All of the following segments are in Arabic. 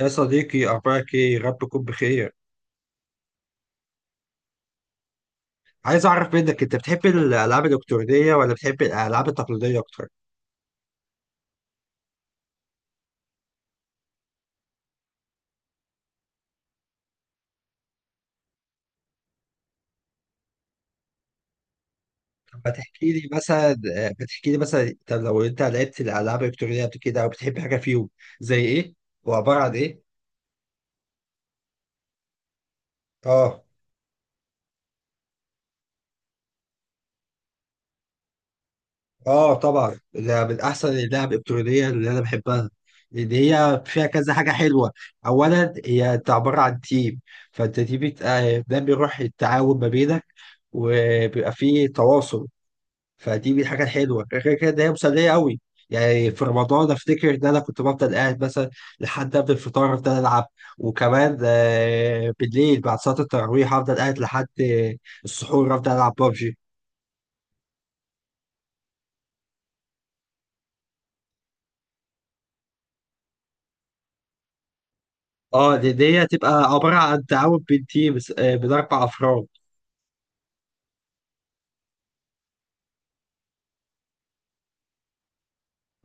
يا صديقي أخبارك إيه؟ يا رب تكون بخير. عايز أعرف منك أنت بتحب الألعاب الإلكترونية ولا بتحب الألعاب التقليدية أكتر؟ طب ما تحكي لي مثلا ما تحكي لي مثلا أنت لو لعبت الألعاب الإلكترونية قبل كده أو بتحب حاجة فيهم زي إيه؟ وعبارة عن إيه؟ آه، آه طبعا ده من أحسن اللعب الإلكترونية اللي أنا بحبها، لأن هي فيها كذا حاجة حلوة. أولا هي أنت عبارة عن تيم، فأنت دي بت... آه، ده بيروح التعاون ما بينك وبيبقى فيه تواصل. فدي من الحاجات الحلوه، غير كده إن هي مسليه قوي. يعني في رمضان افتكر ان انا كنت بفضل قاعد مثلا لحد قبل الفطار افضل العب، وكمان بالليل بعد صلاه التراويح افضل قاعد لحد السحور افضل العب ببجي. اه، دي هتبقى عباره عن تعاون بين تيم من اربع افراد.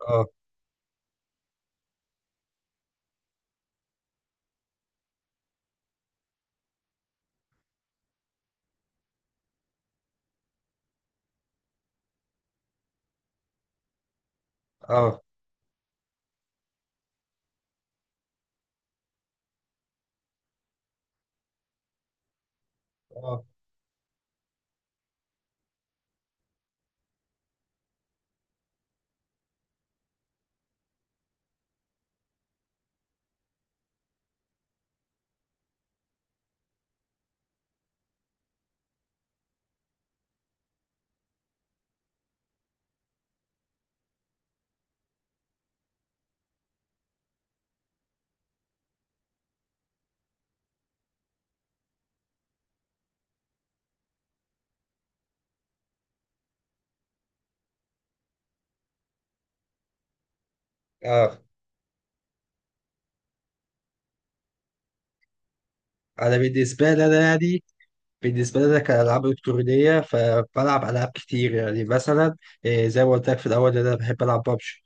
اه، اه، اه، اه. انا بالنسبه لي يعني بالنسبة لنا كألعاب إلكترونية فبلعب ألعاب كتير، يعني مثلا زي ما قلت لك في الأول إن أنا بحب ألعب ببجي،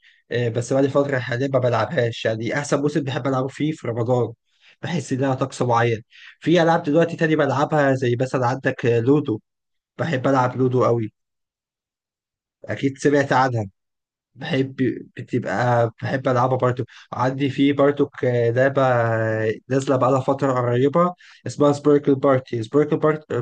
بس بقالي فترة حاليا ما بلعبهاش. يعني أحسن موسم بحب ألعبه فيه في رمضان، بحس إنها طقس معين. في ألعاب دلوقتي تاني بلعبها، زي مثلا عندك لودو، بحب ألعب لودو قوي. أكيد سمعت عنها. بحب بحب ألعبها برضو. عندي لعبة نازلة بقالها فترة قريبة، اسمها سبيركل بارتي. سبيركل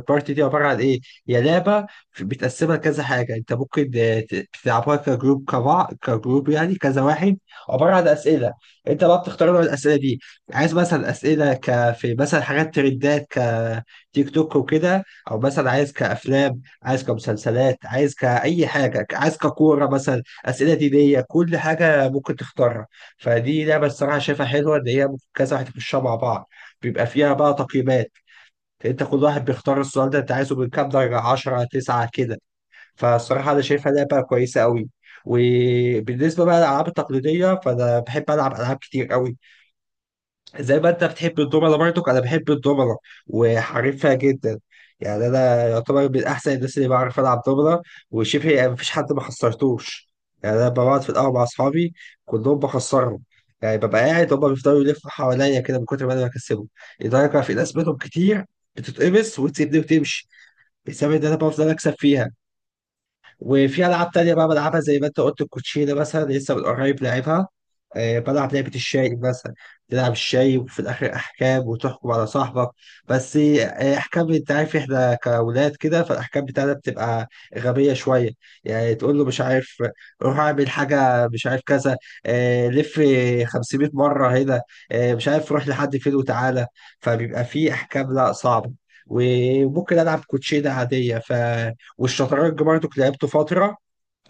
بارتي دي عبارة عن إيه؟ هي لعبة بتقسمها كذا حاجة، أنت ممكن تلعبها كجروب، كبعض كجروب، يعني كذا واحد، عبارة عن أسئلة. أنت بقى بتختار نوع الأسئلة دي، عايز مثلا أسئلة ك في مثلا حاجات ترندات كتيك توك وكده، أو مثلا عايز كأفلام، عايز كمسلسلات، عايز كأي حاجة، عايز ككورة مثلا، اسئله دينيه، كل حاجه ممكن تختارها. فدي لعبه الصراحه شايفها حلوه ان هي ممكن كذا واحد يخشها مع بعض. بيبقى فيها بقى تقييمات، انت كل واحد بيختار السؤال ده انت عايزه من كام درجه، 10، 9 كده. فالصراحه انا شايفها لعبه كويسه قوي. وبالنسبه بقى للالعاب التقليديه فانا بحب العب العاب كتير قوي، زي ما انت بتحب الدومنة، برضك انا بحب الدومنة وحريفها جدا. يعني انا يعتبر من احسن الناس اللي بعرف العب دومنة، وشبه يعني مفيش حد ما خسرتوش. يعني انا ببقى بقعد في القهوة مع اصحابي كلهم بخسرهم. يعني ببقى قاعد هما بيفضلوا يلفوا حواليا كده من كتر ما انا بكسبهم، لدرجة في ناس منهم كتير بتتقمص وتسيبني وتمشي بسبب ان انا بفضل اكسب فيها. وفي العاب تانية بقى بلعبها زي ما انت قلت، الكوتشينه مثلا لسه من قريب لعبها. بلعب لعبه الشاي مثلا، تلعب الشاي وفي الاخر احكام، وتحكم على صاحبك. بس احكام انت عارف احنا كاولاد كده فالاحكام بتاعتنا بتبقى غبيه شويه. يعني تقول له مش عارف روح اعمل حاجه مش عارف كذا، لف 500 مره هنا، مش عارف روح لحد فين وتعالى. فبيبقى في احكام لا صعبه، وممكن العب كوتشينه عاديه. ف والشطرنج برضك لعبته فترة،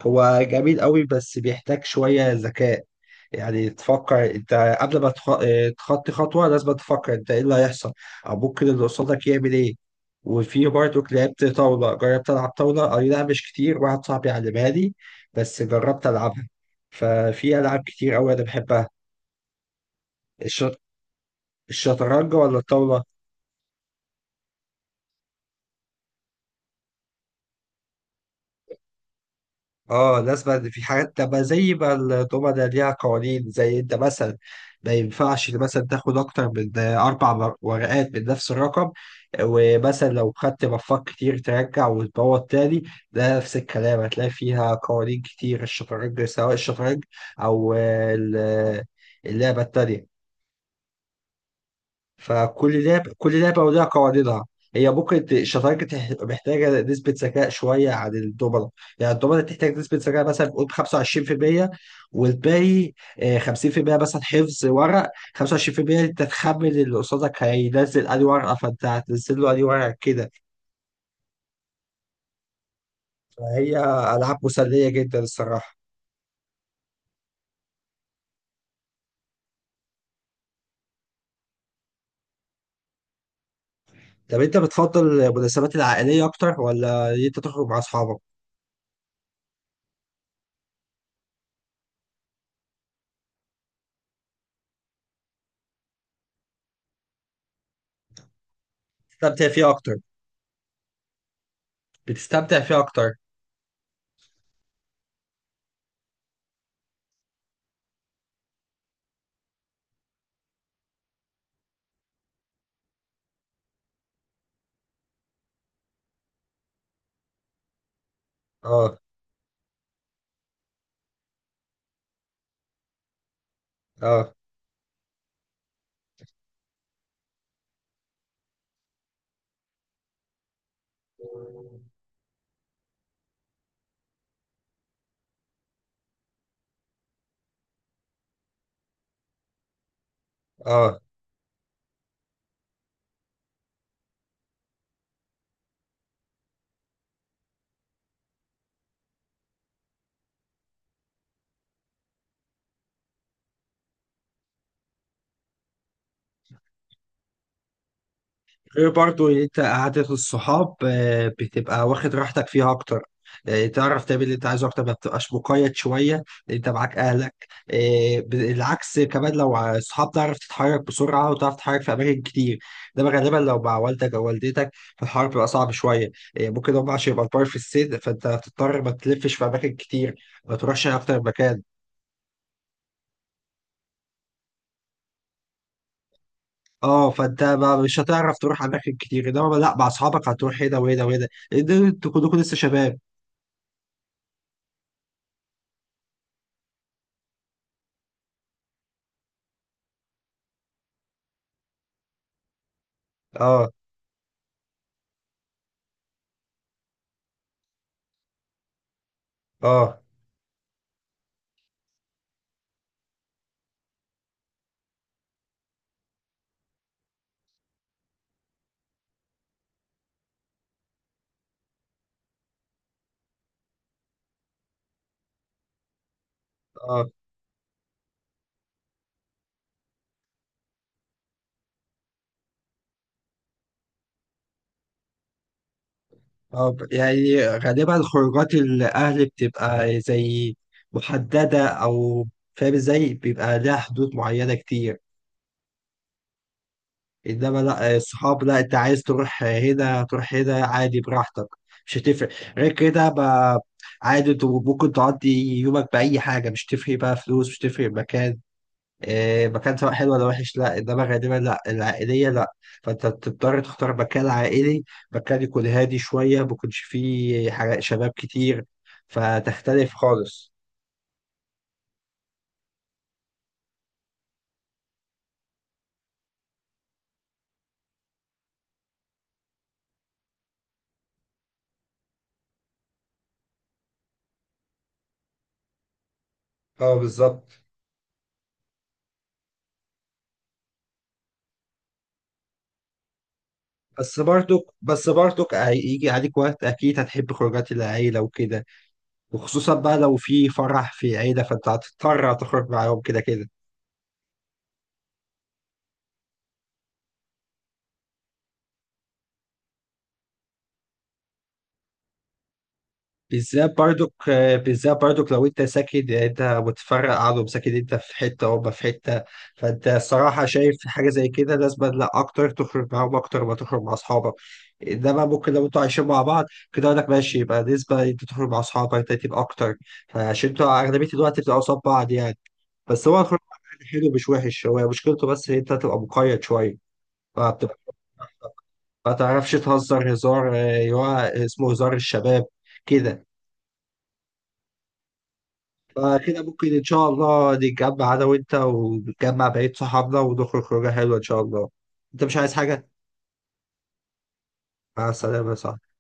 هو جميل قوي بس بيحتاج شوية ذكاء. يعني تفكر انت قبل ما تخ... اه، تخطي خطوة لازم تفكر انت ايه اللي هيحصل او ممكن اللي قصادك يعمل ايه. وفي برضك لعبت طاولة، جربت ألعب طاولة، أي لا مش كتير، واحد صاحبي علمها لي بس جربت ألعبها. ففي ألعاب كتير أوي أنا بحبها. الش... الشطرنج ولا الطاولة؟ اه الناس بقى في حاجات تبقى زي ما الضمنة ليها قوانين، زي انت مثلا ما ينفعش مثلا تاخد اكتر من اربع ورقات من نفس الرقم، ومثلا لو خدت مفاق كتير ترجع وتبوظ تاني. ده نفس الكلام هتلاقي فيها قوانين كتير، الشطرنج سواء الشطرنج او ال- اللعبة التانية. فكل لعبة كل لعبة ولها قواعدها. هي بكرة الشطرنج محتاجة نسبة ذكاء شوية عن الدومنة. يعني الدومنة تحتاج نسبة ذكاء مثلا قول 25%، والباقي 50% مثلا حفظ ورق، 25% انت تخمن اللي قصادك هينزل أي ورقة فانت هتنزل له أي ورقة كده. فهي ألعاب مسلية جدا الصراحة. طب انت بتفضل المناسبات العائلية أكتر ولا إن انت تخرج مع أصحابك؟ بتستمتع فيها أكتر، بتستمتع فيها أكتر. اه، اه، اه. غير برضو انت قعدة الصحاب بتبقى واخد راحتك فيها اكتر، تعرف تعمل اللي انت عايزه اكتر ما بتبقاش مقيد شوية. انت معاك اهلك، بالعكس كمان لو الصحاب تعرف تتحرك بسرعة وتعرف تتحرك في اماكن كتير. انما غالبا لو مع والدك او والدتك فالحوار بيبقى صعب شوية، ممكن هم عشان يبقى كبار في السن فانت هتضطر ما تلفش في اماكن كتير، ما تروحش اكتر مكان. اه فانت مش هتعرف تروح اماكن كتير، انما لا مع اصحابك هتروح هنا وهنا وهنا لان انتوا كلكم لسه شباب. اه، اه، اه، اه. يعني غالبا خروجات الأهل بتبقى زي محددة أو فاهم ازاي، بيبقى لها حدود معينة كتير. إنما لا الصحاب لا، أنت عايز تروح هنا تروح هنا عادي براحتك، مش هتفرق. غير كده ما عادي أنت ممكن تقضي يومك بأي حاجة، مش تفرق بقى فلوس، مش تفرق مكان. إيه، مكان سواء حلو ولا وحش لا، انما غالبا لا العائليه لا، فانت بتضطر تختار مكان عائلي، مكان يكون هادي شويه ما يكونش فيه حاجة شباب كتير، فتختلف خالص. اه بالظبط. بس برضك هيجي عليك وقت اكيد هتحب خروجات العيله وكده، وخصوصا بقى لو في فرح في عيله فانت هتضطر تخرج معاهم كده كده. بالذات برضك بالذات برضك لو انت ساكن، يعني انت متفرق عنهم ساكن انت في حته وهم في حته، فانت الصراحه شايف حاجه زي كده لازم لا اكتر تخرج معاهم اكتر ما تخرج مع اصحابك. انما ممكن لو انتوا عايشين مع بعض، كده اقول لك ماشي يبقى نسبه انت تخرج مع اصحابك ده تبقى اكتر، فعشان انتوا اغلبيه الوقت بتبقوا قصاد بعض يعني. بس هو الخروج مع بعض حلو مش وحش، هو مشكلته بس ان انت تبقى مقيد شويه، فبتبقى ما تعرفش تهزر هزار، اللي هو اسمه هزار الشباب كده. فكده ممكن إن شاء الله نتجمع أنا وأنت ونتجمع بقية صحابنا ونخرج خروجة حلوة إن شاء الله. أنت مش عايز حاجة؟ مع السلامة يا صاحبي.